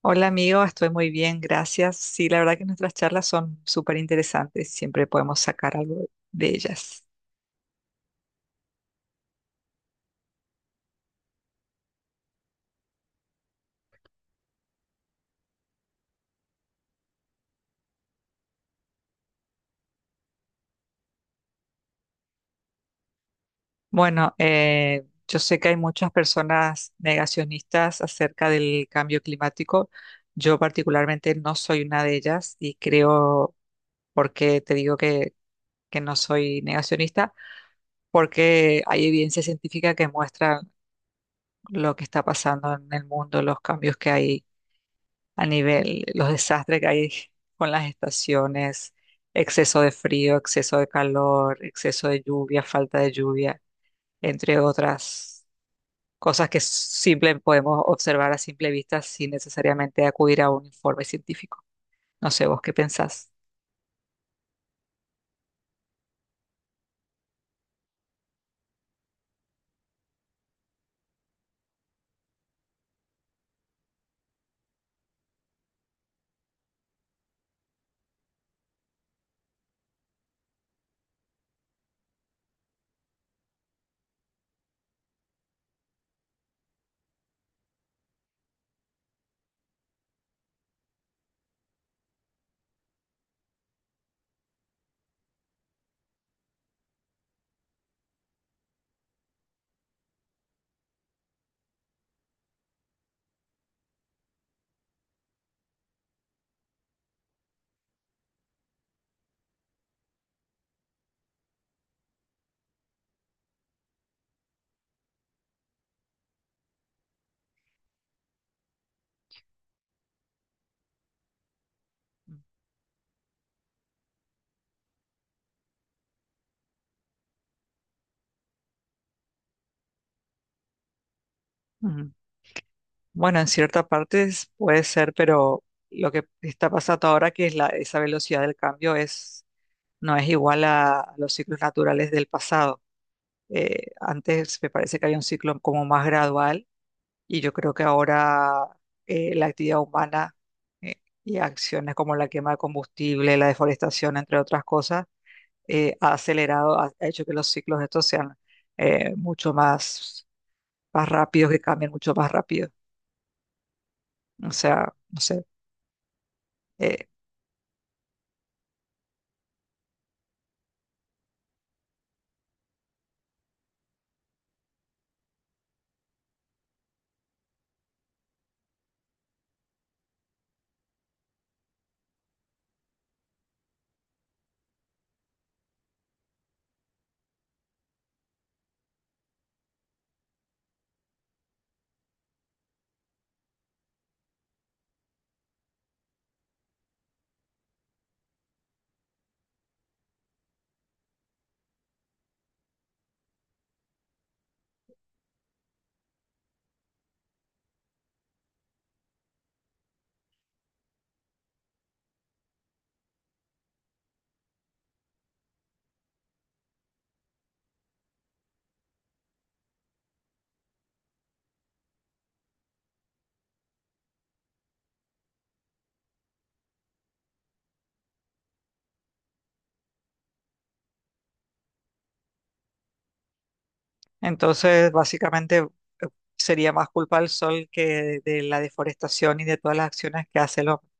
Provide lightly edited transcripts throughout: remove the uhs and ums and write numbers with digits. Hola amigo, estoy muy bien, gracias. Sí, la verdad que nuestras charlas son súper interesantes, siempre podemos sacar algo de ellas. Bueno, yo sé que hay muchas personas negacionistas acerca del cambio climático. Yo particularmente no soy una de ellas y creo, porque te digo que no soy negacionista, porque hay evidencia científica que muestra lo que está pasando en el mundo, los cambios que hay a nivel, los desastres que hay con las estaciones, exceso de frío, exceso de calor, exceso de lluvia, falta de lluvia, entre otras cosas que simple podemos observar a simple vista sin necesariamente acudir a un informe científico. No sé, ¿vos qué pensás? Ujú. Bueno, en cierta parte puede ser, pero lo que está pasando ahora, que es esa velocidad del cambio, no es igual a los ciclos naturales del pasado. Antes me parece que había un ciclo como más gradual y yo creo que ahora la actividad humana eh, y acciones como la quema de combustible, la deforestación, entre otras cosas, ha acelerado, ha hecho que los ciclos estos sean eh, mucho más rápidos, que cambien mucho más rápido. O sea, no sé. Eh, entonces, básicamente sería más culpa del sol que de la deforestación y de todas las acciones que hace el hombre.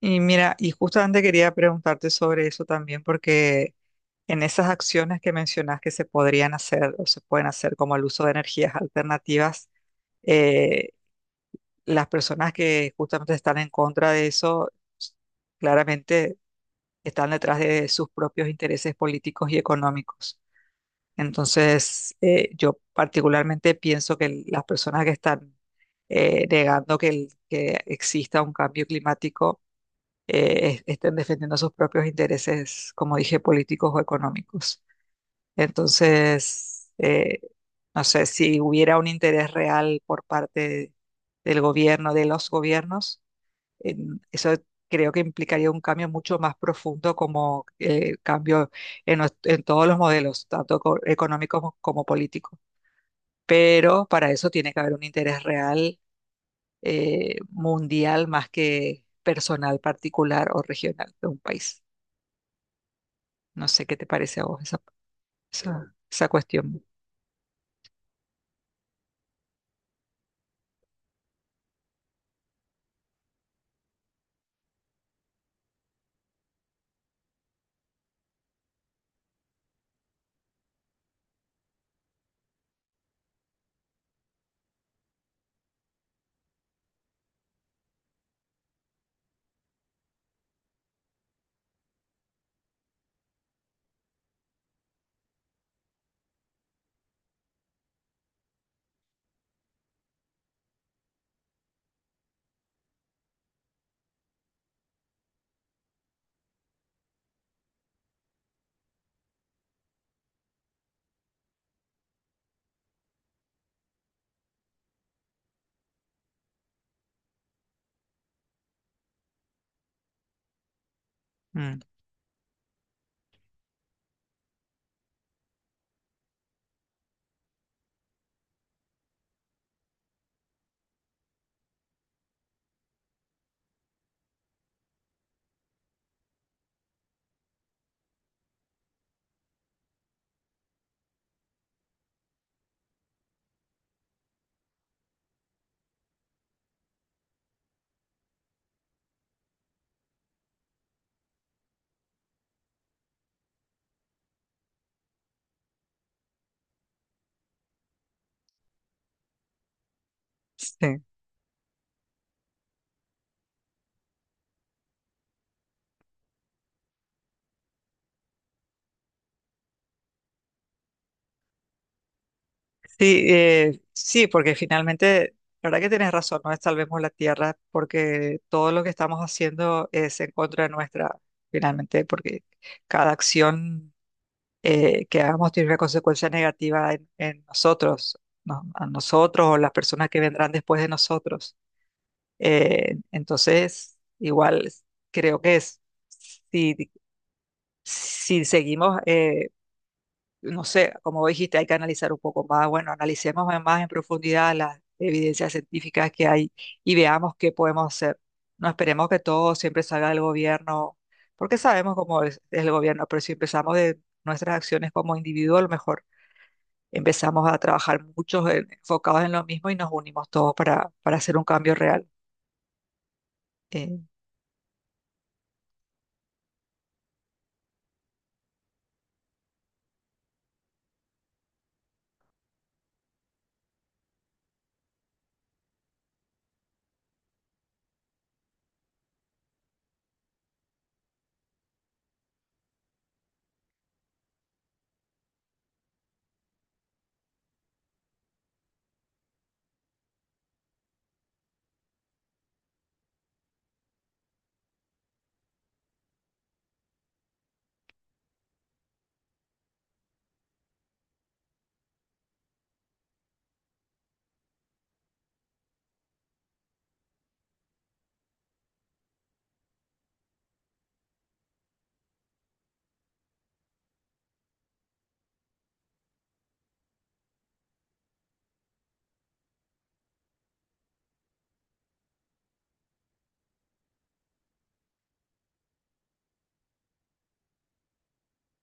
Y mira, y justamente quería preguntarte sobre eso también, porque en esas acciones que mencionas que se podrían hacer o se pueden hacer como el uso de energías alternativas, eh, las personas que justamente están en contra de eso, s- claramente están detrás de sus propios intereses políticos y económicos. Entonces, yo particularmente pienso que las personas que están negando que exista un cambio climático, estén defendiendo sus propios intereses, como dije, políticos o económicos. Entonces, no sé, si hubiera un interés real por parte del gobierno, de los gobiernos, eso creo que implicaría un cambio mucho más profundo como cambio en todos los modelos, tanto económicos como políticos. Pero para eso tiene que haber un interés real mundial más que personal, particular o regional de un país. No sé qué te parece a vos esa cuestión. Mm, sí, sí, porque finalmente, la verdad que tienes razón, no es salvemos la tierra, porque todo lo que estamos haciendo es en contra de nuestra, finalmente, porque cada acción que hagamos tiene una consecuencia negativa en nosotros, ¿no? A nosotros o las personas que vendrán después de nosotros. Entonces, igual creo que es, si, si seguimos... no sé, como dijiste, hay que analizar un poco más. Bueno, analicemos más en profundidad las evidencias científicas que hay y veamos qué podemos hacer. No esperemos que todo siempre salga del gobierno, porque sabemos cómo es el gobierno, pero si empezamos de nuestras acciones como individuo, a lo mejor empezamos a trabajar muchos enfocados en lo mismo y nos unimos todos para hacer un cambio real. Eh,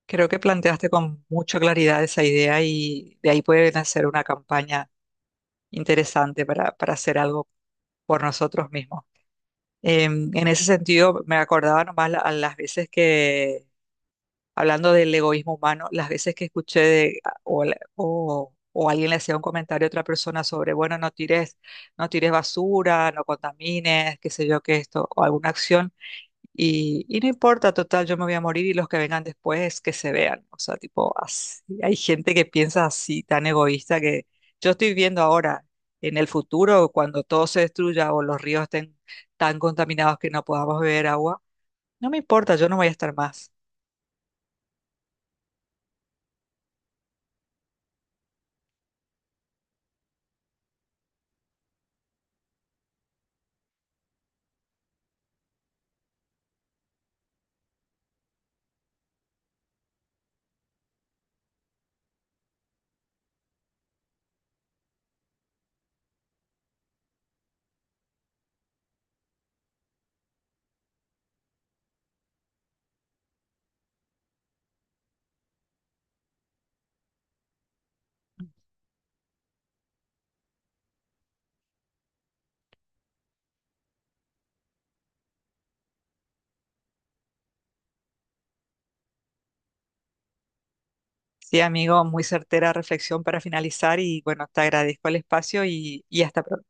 creo que planteaste con mucha claridad esa idea y de ahí puede nacer una campaña interesante para hacer algo por nosotros mismos. Em, en ese sentido, me acordaba nomás a las veces que, hablando del egoísmo humano, las veces que escuché de, o, alguien le hacía un comentario a otra persona sobre, bueno, no tires basura, no contamines, qué sé yo, qué esto, o alguna acción, y no importa, total, yo me voy a morir y los que vengan después que se vean. O sea, tipo, así, hay gente que piensa así, tan egoísta, que yo estoy viendo ahora, en el futuro, cuando todo se destruya o los ríos estén tan contaminados que no podamos beber agua, no me importa, yo no voy a estar más. Sí, amigo, muy certera reflexión para finalizar y bueno, te agradezco el espacio y hasta pronto.